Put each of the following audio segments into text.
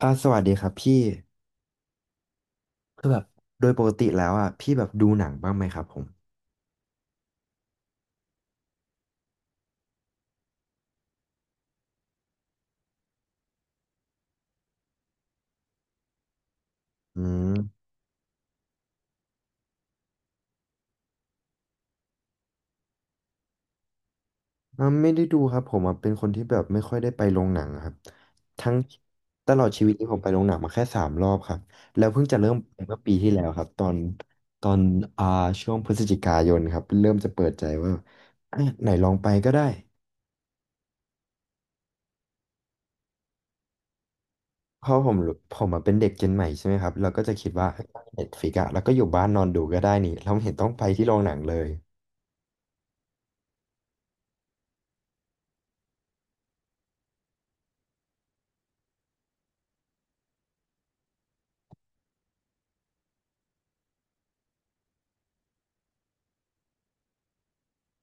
สวัสดีครับพี่คือแบบโดยปกติแล้วอ่ะพี่แบบดูหนังบ้างไหมครับผมอืมไม่ได้ดูครับผมอ่ะเป็นคนที่แบบไม่ค่อยได้ไปโรงหนังครับทั้งตลอดชีวิตนี้ผมไปโรงหนังมาแค่3 รอบครับแล้วเพิ่งจะเริ่มไปเมื่อปีที่แล้วครับตอนอ่าช่วงพฤศจิกายนครับเริ่มจะเปิดใจว่าอ่ะไหนลองไปก็ได้เพราะผมรู้ผมอะเป็นเด็กเจนใหม่ใช่ไหมครับเราก็จะคิดว่าเน็ตฟลิกอะแล้วก็อยู่บ้านนอนดูก็ได้นี่เราไม่เห็นต้องไปที่โรงหนังเลย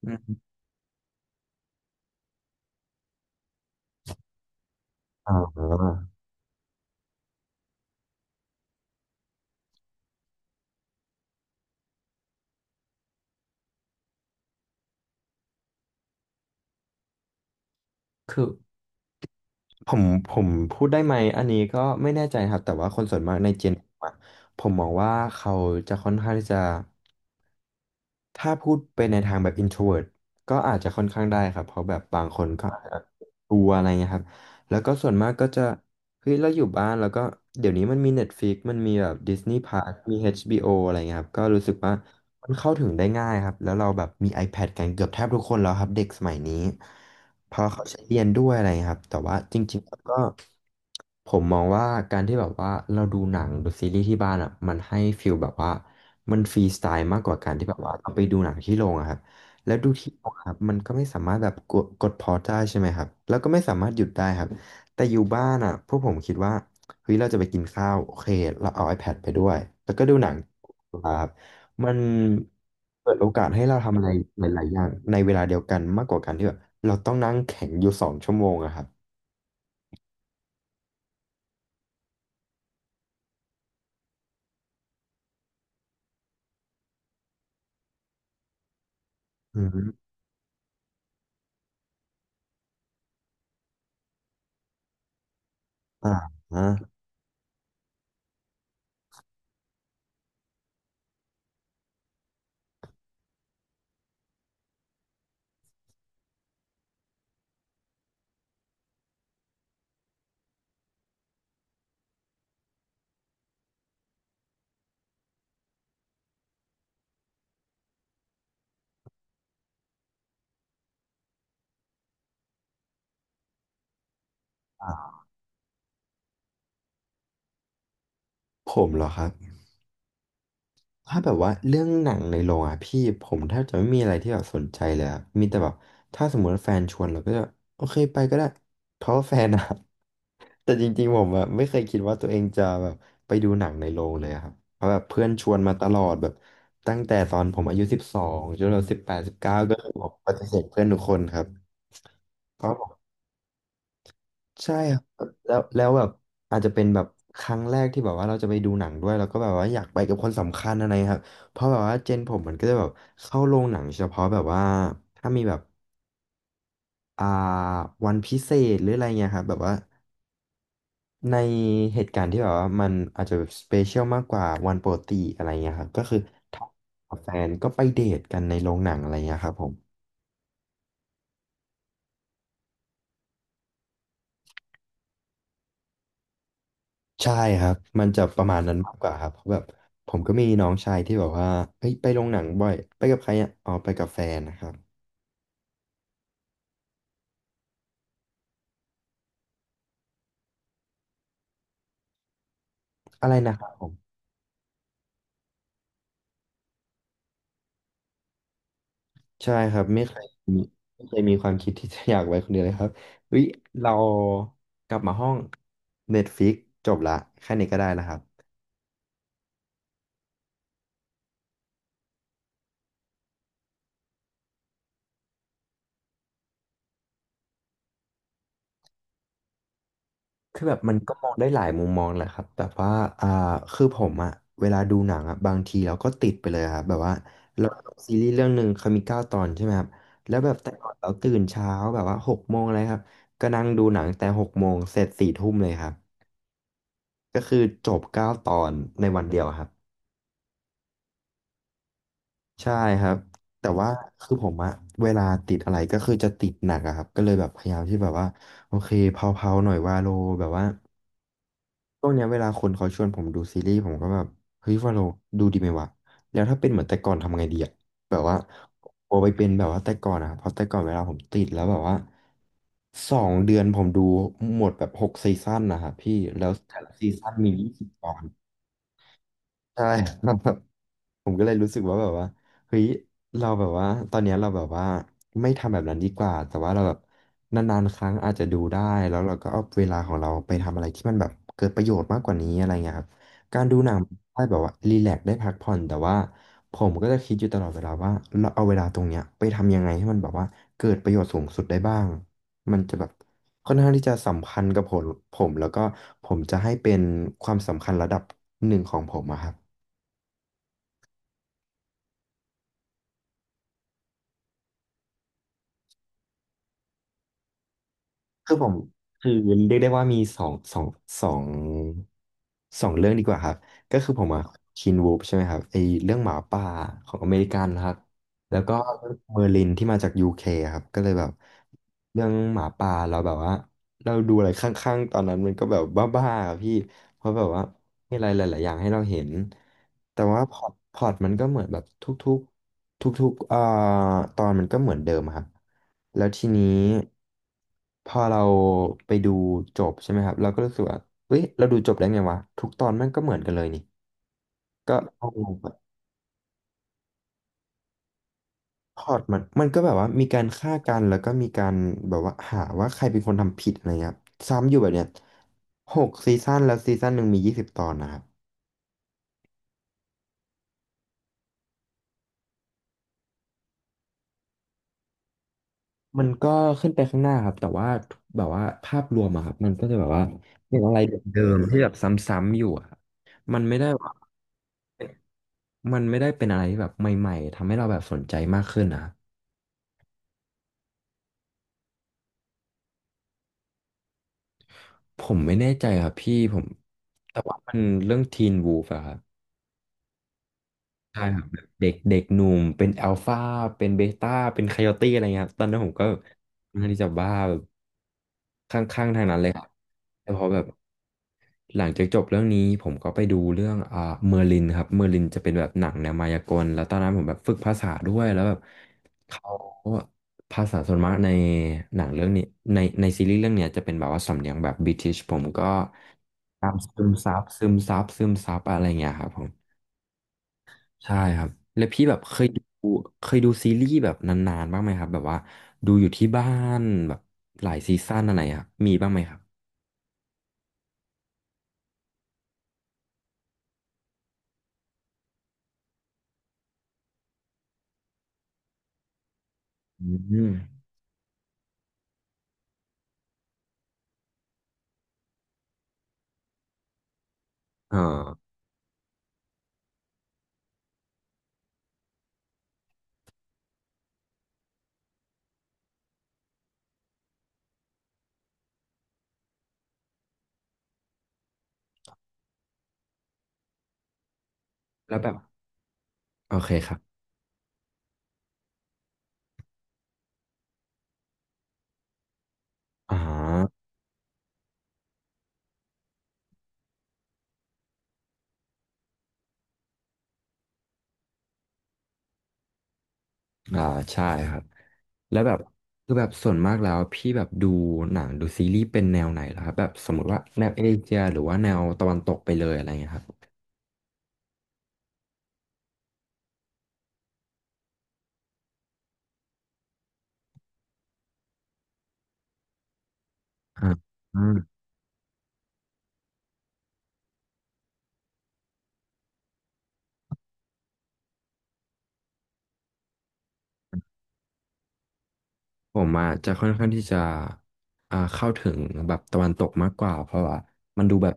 อืมอ่า คือผมผมพูดได้ไหมอันนี้ก็ไม่แน่ใจครับแต่ว่าคนส่วนมากในเจนผมอะผมมองว่าเขาจะค่อนข้างที่จะถ้าพูดไปในทางแบบ introvert ก็อาจจะค่อนข้างได้ครับเพราะแบบบางคนก็ ดูอะไรเงี้ยครับแล้วก็ส่วนมากก็จะเฮ้ยเราอยู่บ้านแล้วก็เดี๋ยวนี้มันมี Netflix มันมีแบบ Disney Plus มี HBO อชบีโออะไรเงี้ยครับก็รู้สึกว่ามันเข้าถึงได้ง่ายครับแล้วเราแบบมี iPad กันเกือบแทบทุกคนแล้วครับเด็กสมัยนี้เพราะเขาใช้เรียนด้วยอะไรเงี้ยครับแต่ว่าจริงๆแล้วก็ผมมองว่าการที่แบบว่าเราดูหนังดูซีรีส์ที่บ้านอ่ะมันให้ฟีลแบบว่ามันฟรีสไตล์มากกว่าการที่แบบว่าเราไปดูหนังที่โรงอะครับ แล้วดูที่ออกครับมันก็ไม่สามารถแบบกดพอได้ใช่ไหมครับแล้วก็ไม่สามารถหยุดได้ครับแต่อยู่บ้านอ่ะพวกผมคิดว่าเฮ้ยเราจะไปกินข้าวโอเคเราเอา iPad ไปด้วยแล้วก็ดูหนังครับมันเปิดโอกาสให้เราทำอะไรหลายๆอย่างในเวลาเดียวกันมากกว่าการที่แบบเราต้องนั่งแข็งอยู่2 ชั่วโมงอะครับอืมอ่าอ่าผมเหรอครับ ถ้าแบบว่าเรื่องหนังในโรงอ่ะพี่ผมแทบจะไม่มีอะไรที่แบบสนใจเลยอะมีแต่แบบถ้าสมมติว่าแฟนชวนเราก็จะโอเคไปก็ได้เพราะว่าแฟนอะ แต่จริงๆผมอะไม่เคยคิดว่าตัวเองจะแบบไปดูหนังในโรงเลยอะครับเพราะแบบเพื่อนชวนมาตลอดแบบตั้งแต่ตอนผมอายุ12จนเรา1819ก็คือผมปฏิเสธเพื่อนทุกคนครับ ใช่ครับแล้วแบบอาจจะเป็นแบบครั้งแรกที่แบบว่าเราจะไปดูหนังด้วยแล้วก็แบบว่าอยากไปกับคนสำคัญอะไรครับเพราะแบบว่าเจนผมมันก็จะแบบเข้าโรงหนังเฉพาะแบบว่าถ้ามีแบบอ่าวันพิเศษหรืออะไรเงี้ยครับแบบว่าในเหตุการณ์ที่แบบว่ามันอาจจะสเปเชียลมากกว่าวันปกติอะไรเงี้ยครับก็คือถ้าแฟนก็ไปเดทกันในโรงหนังอะไรเงี้ยครับผม ใช่ครับ มันจะประมาณนั้นมากกว่าครับเพราะแบบผมก็มีน้องชายที่แบบว่าเฮ้ยไปโรงหนังบ่อย ไปกับใครอ่ะอ๋อไปกับแฟนนะครับ อะไรนะครับผม ใช่ครับมีไม่เคยมีความคิดที่จะอยากไว้คนเดียวเลยครับเฮ้ยเรากลับมาห้อง Netflix จบละแค่นี้ก็ได้แล้วครับ คือแบบมันก็มองได้หลายมุมมองแหละครับแบบว่าอ่าคือผมอะเวลาดูหนังอะบางทีเราก็ติดไปเลยครับแบบว่าเราซีรีส์เรื่องหนึ่งเขามีเก้าตอนใช่ไหมครับแล้วแบบแต่ก่อนเราตื่นเช้าแบบว่าหกโมงเลยครับก็นั่งดูหนังแต่หกโมงเสร็จ4 ทุ่มเลยครับก็คือจบเก้าตอนในวันเดียวครับใช่ครับแต่ว่าคือผมอะเวลาติดอะไรก็คือจะติดหนักอะครับก็เลยแบบพยายามที่แบบว่าโอเคเผาๆหน่อยวาโลแบบว่า ช่วงเนี้ยเวลาคนเขาชวนผมดูซีรีส์ผมก็แบบเฮ้ยวาโลดูดีไหมวะแล้วถ้าเป็นเหมือนแต่ก่อนทำไงดีอะแบบว่าโอไปเป็นแบบว่าแต่ก่อนอะเพราะแต่ก่อนเวลาผมติดแล้วแบบว่า2 เดือนผมดูหมดแบบ6 ซีซั่นนะครับพี่แล้วแต่ละซีซั่นมี20 ตอนใช่ ผมก็เลยรู้สึกว่าแบบว่าเฮ้ยเราแบบว่าตอนเนี้ยเราแบบว่าไม่ทำแบบนั้นดีกว่าแต่ว่าเราแบบนานๆครั้งอาจจะดูได้แล้วเราก็เอาเวลาของเราไปทำอะไรที่มันแบบเกิดประโยชน์มากกว่านี้อะไรเงี้ยครับการดูหนังได้แบบว่ารีแลกซ์ได้พักผ่อนแต่ว่าผมก็จะคิดอยู่ตลอดเวลาว่าเราเอาเวลาตรงเนี้ยไปทำยังไงให้มันแบบว่าเกิดประโยชน์สูงสุดได้บ้างมันจะแบบค่อนข้างที่จะสัมพันธ์กับผมผมแล้วก็ผมจะให้เป็นความสำคัญระดับหนึ่งของผมอะครับ คือผมคือเรียกได้ว่ามีสองสองเรื่องดีกว่าครับก็คือผมอะคินวูฟใช่ไหมครับไอเรื่องหมาป่าของอเมริกันนะครับแล้วก็เมอร์ลินที่มาจากยูเคครับก็เลยแบบเรื่องหมาป่าเราแบบว่าเราดูอะไรข้างๆตอนนั้นมันก็แบบบ้าๆอะพี่เพราะแบบว่ามีอะไรหลายๆอย่างให้เราเห็นแต่ว่าพอร์ตมันก็เหมือนแบบทุกๆทุกๆเอ่อตอนมันก็เหมือนเดิมอะครับ แล้วทีนี้พอเราไปดูจบใช่ไหมครับเราก็รู้สึกว่าเฮ้ยเราดูจบได้ไงวะทุกตอนมันก็เหมือนกันเลยนี่ก็เอาลงไปพอดมันมันก็แบบว่ามีการฆ่ากันแล้วก็มีการแบบว่าหาว่าใครเป็นคนทำผิดอะไรเงี้ยครับซ้ำอยู่แบบเนี้ยหกซีซั่นแล้วซีซั่นหนึ่งมียี่สิบตอนนะครับมันก็ขึ้นไปข้างหน้าครับแต่ว่าแบบว่าภาพรวมอะครับมันก็จะแบบว่าเป็นอะไรเดิมๆที่แบบซ้ำๆอยู่อะครับมันไม่ได้ มันไม่ได้เป็นอะไรที่แบบใหม่ๆทำให้เราแบบสนใจมากขึ้นนะครับผมไม่แน่ใจครับพี่ผมแต่ว่ามันเรื่องทีนวูฟอะครับใช่ครับแบบเด็กเด็กหนุ่มเป็นอัลฟาเป็นเบต้าเป็นไคโอตี้อะไรเงี้ยครับตอนนั้นผมก็ค่อนข้างที่จะบ้า แต่พอแบบหลังจากจบเรื่องนี้ผมก็ไปดูเรื่องเมอร์ลินครับเมอร์ลินจะเป็นแบบหนังแนวมายากลแล้วตอนนั้นผมแบบฝึกภาษาด้วยแล้วแบบเขาภาษาส่วนมากในหนังเรื่องนี้ในในซีรีส์เรื่องเนี้ยจะเป็นแบบว่าสำเนียงแบบบริติชผมก็ตามซึมซับซึมซับซึมซับอะไรเงี้ยครับผมใช่ครับแล้วพี่แบบเคยดูซีรีส์แบบนานๆบ้างไหมครับแบบว่าดูอยู่ที่บ้านแบบหลายซีซั่นอะไรครับมีบ้างไหมครับอืมอ่า แล้วแบบโอเคครับอ่าอ่าใช่ครับแล้วแบบคือแบบส่วนมากแล้วพี่แบบดูหนังดูซีรีส์เป็นแนวไหนเหรอครับแบบสมมติว่าแนวเอเชียหรือว่าแนวตะวันตกไปเลยอะไรเงี้ยครับอ่าอืมผมอ่ะจะค่อนข้างที่จะเข้าถึงแบบตะวันตกมากกว่าเพราะว่ามันดูแบบ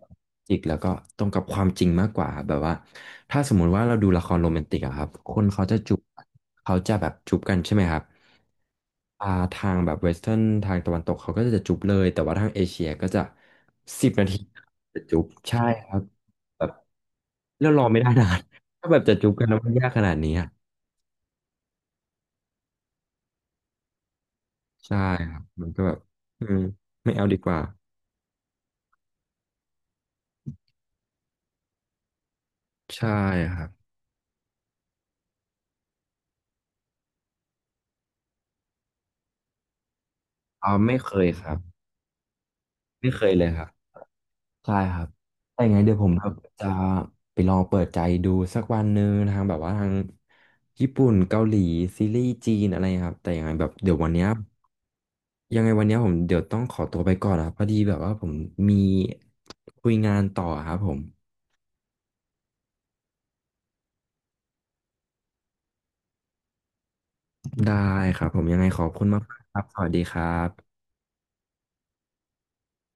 จริกแล้วก็ตรงกับความจริงมากกว่าแบบว่าถ้าสมมุติว่าเราดูละครโรแมนติกอะครับคนเขาจะจูบเขาจะแบบจูบกันใช่ไหมครับ อ่าทางแบบเวสเทิร์นทางตะวันตกเขาก็จะจุบเลยแต่ว่าทางเอเชียก็จะสิบนาทีจะจุบใช่ครับแบบแล้วรอไม่ได้นาน ถ้าแบบจะจุบกันแล้วมันยากขนาดนี้อะใช่ครับมันก็แบบอืมไม่เอาดีกว่าใช่ครับไม่เคยครับไม่เคยเลยครับ ใช่ครับ แต่ยังไงเดี๋ยวผมแบบจะไปลองเปิดใจดูสักวันหนึ่งทางแบบว่าทางญี่ปุ่นเกาหลีซีรีส์จีนอะไรครับแต่ยังไงแบบเดี๋ยววันเนี้ยยังไงวันเนี้ยผมเดี๋ยวต้องขอตัวไปก่อนนะครับพอดีแบบว่าผมมีคุยงานต่อครับผมได้ครับผมยังไงขอบคุณมากๆครับสวัสดีครับ